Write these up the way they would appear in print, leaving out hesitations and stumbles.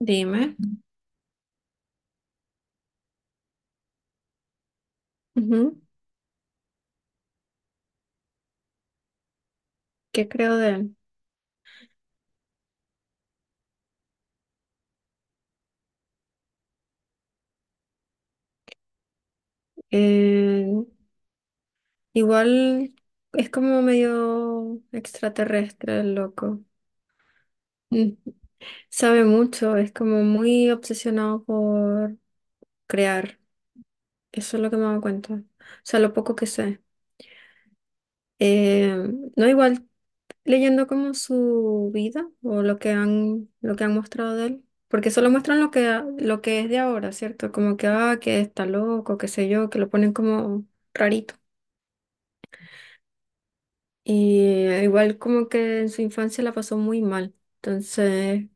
Dime. Ujú. ¿Qué creo de él? Eh, Igual es como medio extraterrestre el loco. Mm. Sabe mucho, es como muy obsesionado por crear. Eso es lo que me he dado cuenta. O sea, lo poco que sé. Eh, no igual leyendo como su vida o lo que han mostrado de él. Porque solo muestran lo que es de ahora, ¿cierto? Como que, ah, que está loco, qué sé yo, que lo ponen como rarito. Y igual como que en su infancia la pasó muy mal. Entonces,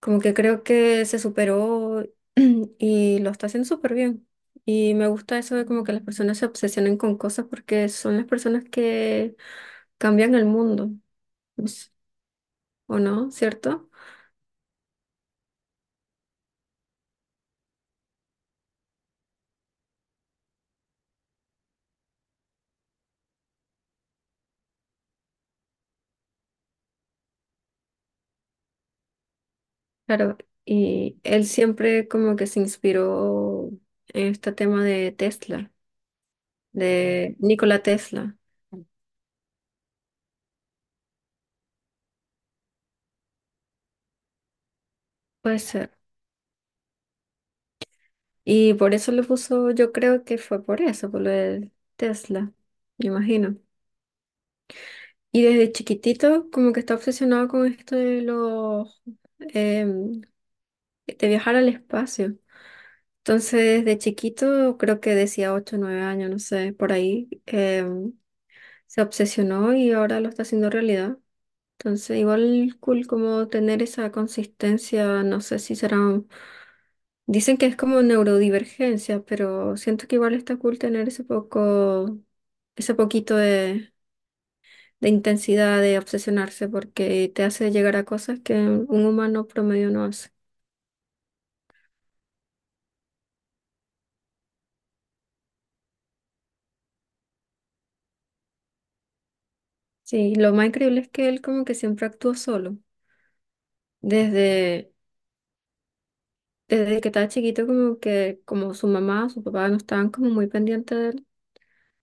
como que creo que se superó y lo está haciendo súper bien. Y me gusta eso de como que las personas se obsesionen con cosas porque son las personas que cambian el mundo, pues, ¿o no? ¿Cierto? Claro. Y él siempre como que se inspiró en este tema de Tesla, de Nikola Tesla. Puede ser. Y por eso lo puso, yo creo que fue por eso, por lo del Tesla, me imagino. Y desde chiquitito como que está obsesionado con esto de los em, de viajar al espacio. Entonces, desde chiquito, creo que decía 8 o 9 años, no sé, por ahí, se obsesionó y ahora lo está haciendo realidad. Entonces, igual cool como tener esa consistencia, no sé si será. Dicen que es como neurodivergencia, pero siento que igual está cool tener ese poco, ese poquito de intensidad, de obsesionarse, porque te hace llegar a cosas que un humano promedio no hace. Sí, lo más increíble es que él como que siempre actuó solo. Desde, Desde que estaba chiquito, como que como su mamá, su papá no estaban como muy pendientes de él.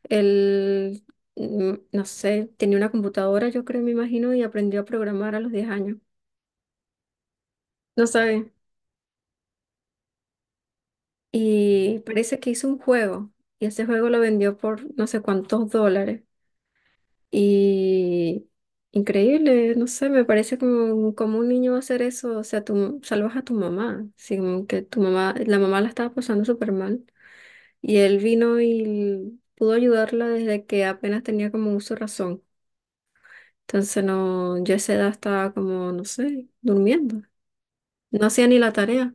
Él, mm, no sé, tenía una computadora, yo creo, me imagino, y aprendió a programar a los 10 años. No sabe. Y parece que hizo un juego y ese juego lo vendió por no sé cuántos dólares. Y increíble, no sé, me parece como, como un niño va a hacer eso. O sea, tú salvas a tu mamá, así como que tu mamá la estaba pasando súper mal. Y él vino y pudo ayudarla desde que apenas tenía como uso de razón. Entonces no, yo a esa edad estaba como, no sé, durmiendo. No hacía ni la tarea.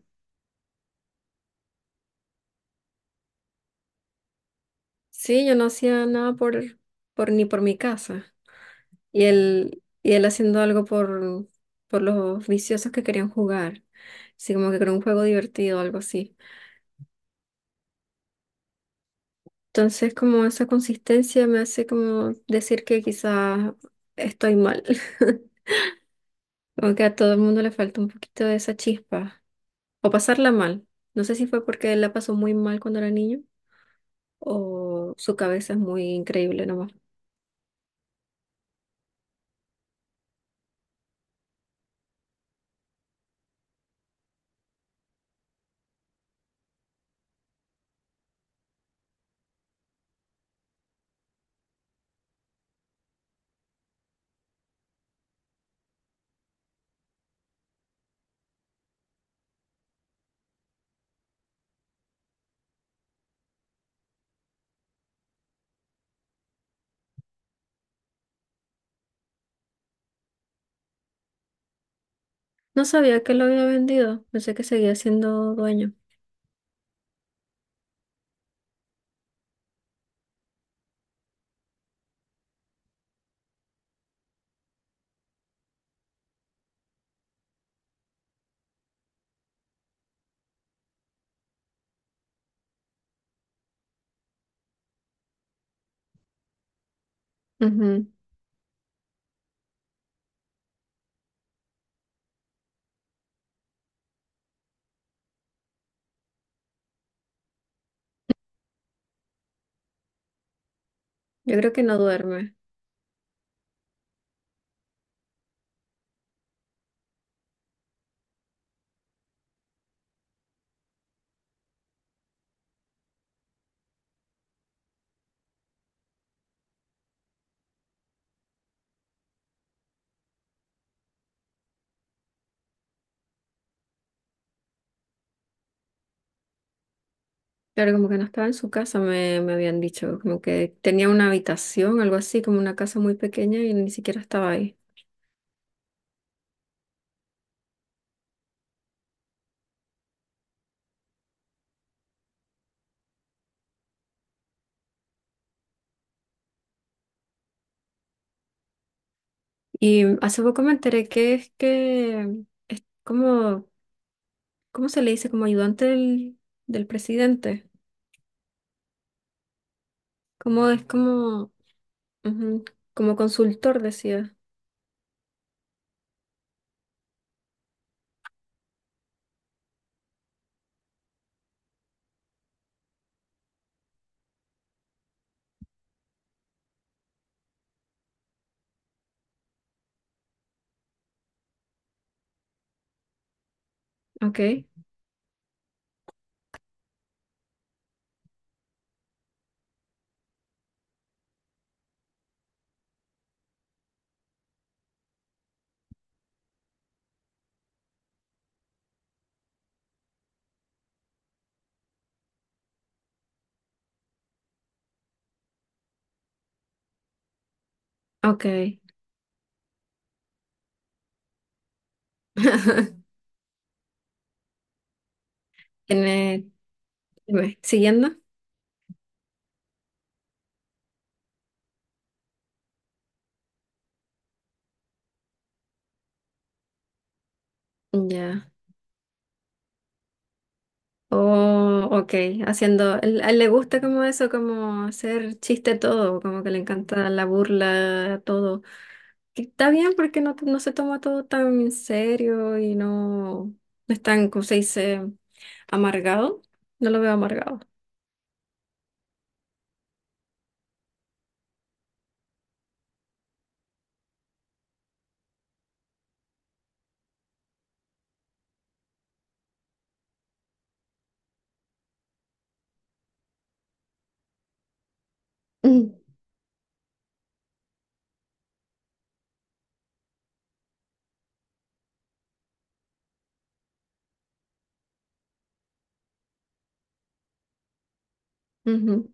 Sí, yo no hacía nada por ni por mi casa. Y él haciendo algo por los viciosos que querían jugar. Así como que era un juego divertido algo así. Entonces, como esa consistencia me hace como decir que quizás estoy mal. Como que a todo el mundo le falta un poquito de esa chispa. O pasarla mal. No sé si fue porque él la pasó muy mal cuando era niño o su cabeza es muy increíble nomás. No sabía que lo había vendido. Pensé que seguía siendo dueño. Ujú. Yo creo que no duerme. Claro, como que no estaba en su casa, me habían dicho, como que tenía una habitación, algo así, como una casa muy pequeña y ni siquiera estaba ahí. Y hace poco me enteré que es como, ¿cómo se le dice? Como ayudante del presidente. Como es como, ujú, como consultor, decía. Ok, ok. ¿Tiene, dime, siguiendo? Ya. Oh, ok, haciendo, él a él le gusta como eso, como hacer chiste todo, como que le encanta la burla, todo. Que está bien porque no, no se toma todo tan en serio y no, no es tan, como se dice, amargado. No lo veo amargado. Mm. Ujú.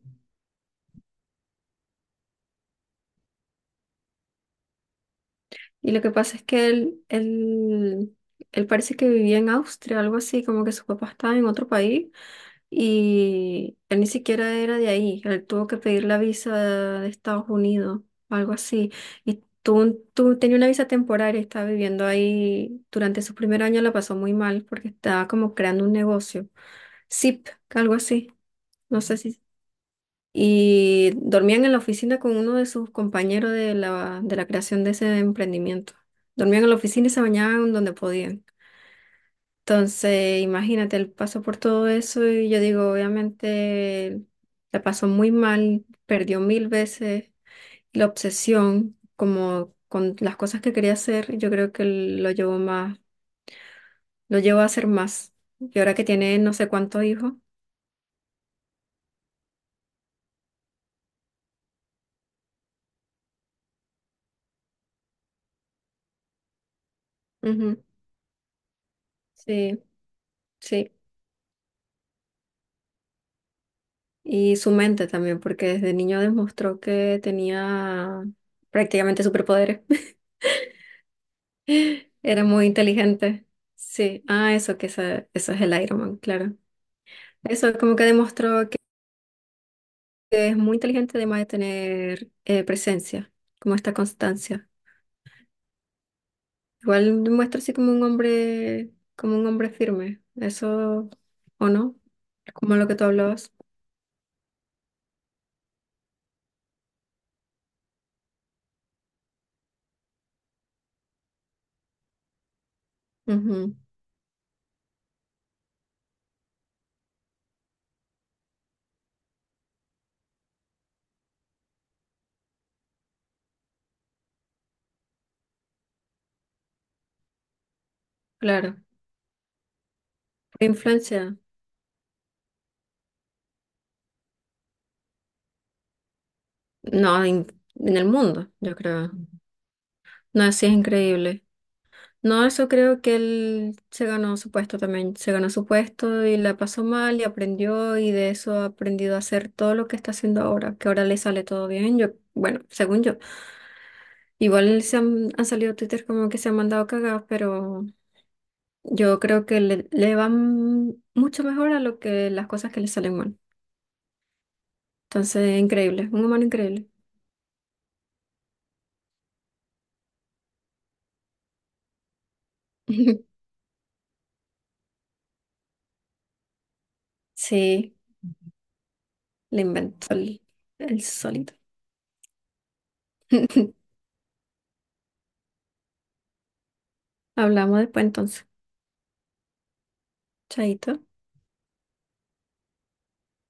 Y lo que pasa es que él parece que vivía en Austria, algo así, como que su papá estaba en otro país. Y él ni siquiera era de ahí, él tuvo que pedir la visa de Estados Unidos, algo así. Y tú tenía una visa temporaria, estaba viviendo ahí, durante su primer año la pasó muy mal porque estaba como creando un negocio, Zip, algo así, no sé si... Y dormían en la oficina con uno de sus compañeros de de la creación de ese emprendimiento. Dormían en la oficina y se bañaban donde podían. Entonces, imagínate, él pasó por todo eso y yo digo, obviamente, la pasó muy mal, perdió mil veces la obsesión como con las cosas que quería hacer, yo creo que lo llevó más, lo llevó a hacer más. Y ahora que tiene no sé cuántos hijos, ujú, sí, sí. Y su mente también, porque desde niño demostró que tenía prácticamente superpoderes. Era muy inteligente. Sí, ah, eso que esa- eso es el Iron Man, claro. Eso como que demostró que es muy inteligente además de tener presencia, como esta constancia. Igual demuestra así como un hombre firme. Eso, ¿o no? Como lo que tú hablabas. Ujú, claro. Influencia. No, en el mundo, yo creo. No, sí es increíble. No, eso creo que él se ganó su puesto también, se ganó su puesto y la pasó mal y aprendió y de eso ha aprendido a hacer todo lo que está haciendo ahora, que ahora le sale todo bien, yo, bueno, según yo. Igual se han, han salido Twitter como que se han mandado cagadas, pero yo creo que le van mucho mejor a lo que las cosas que le salen mal. Entonces, increíble, un humano increíble. Sí, le inventó el solito. Hablamos después entonces. Chaito.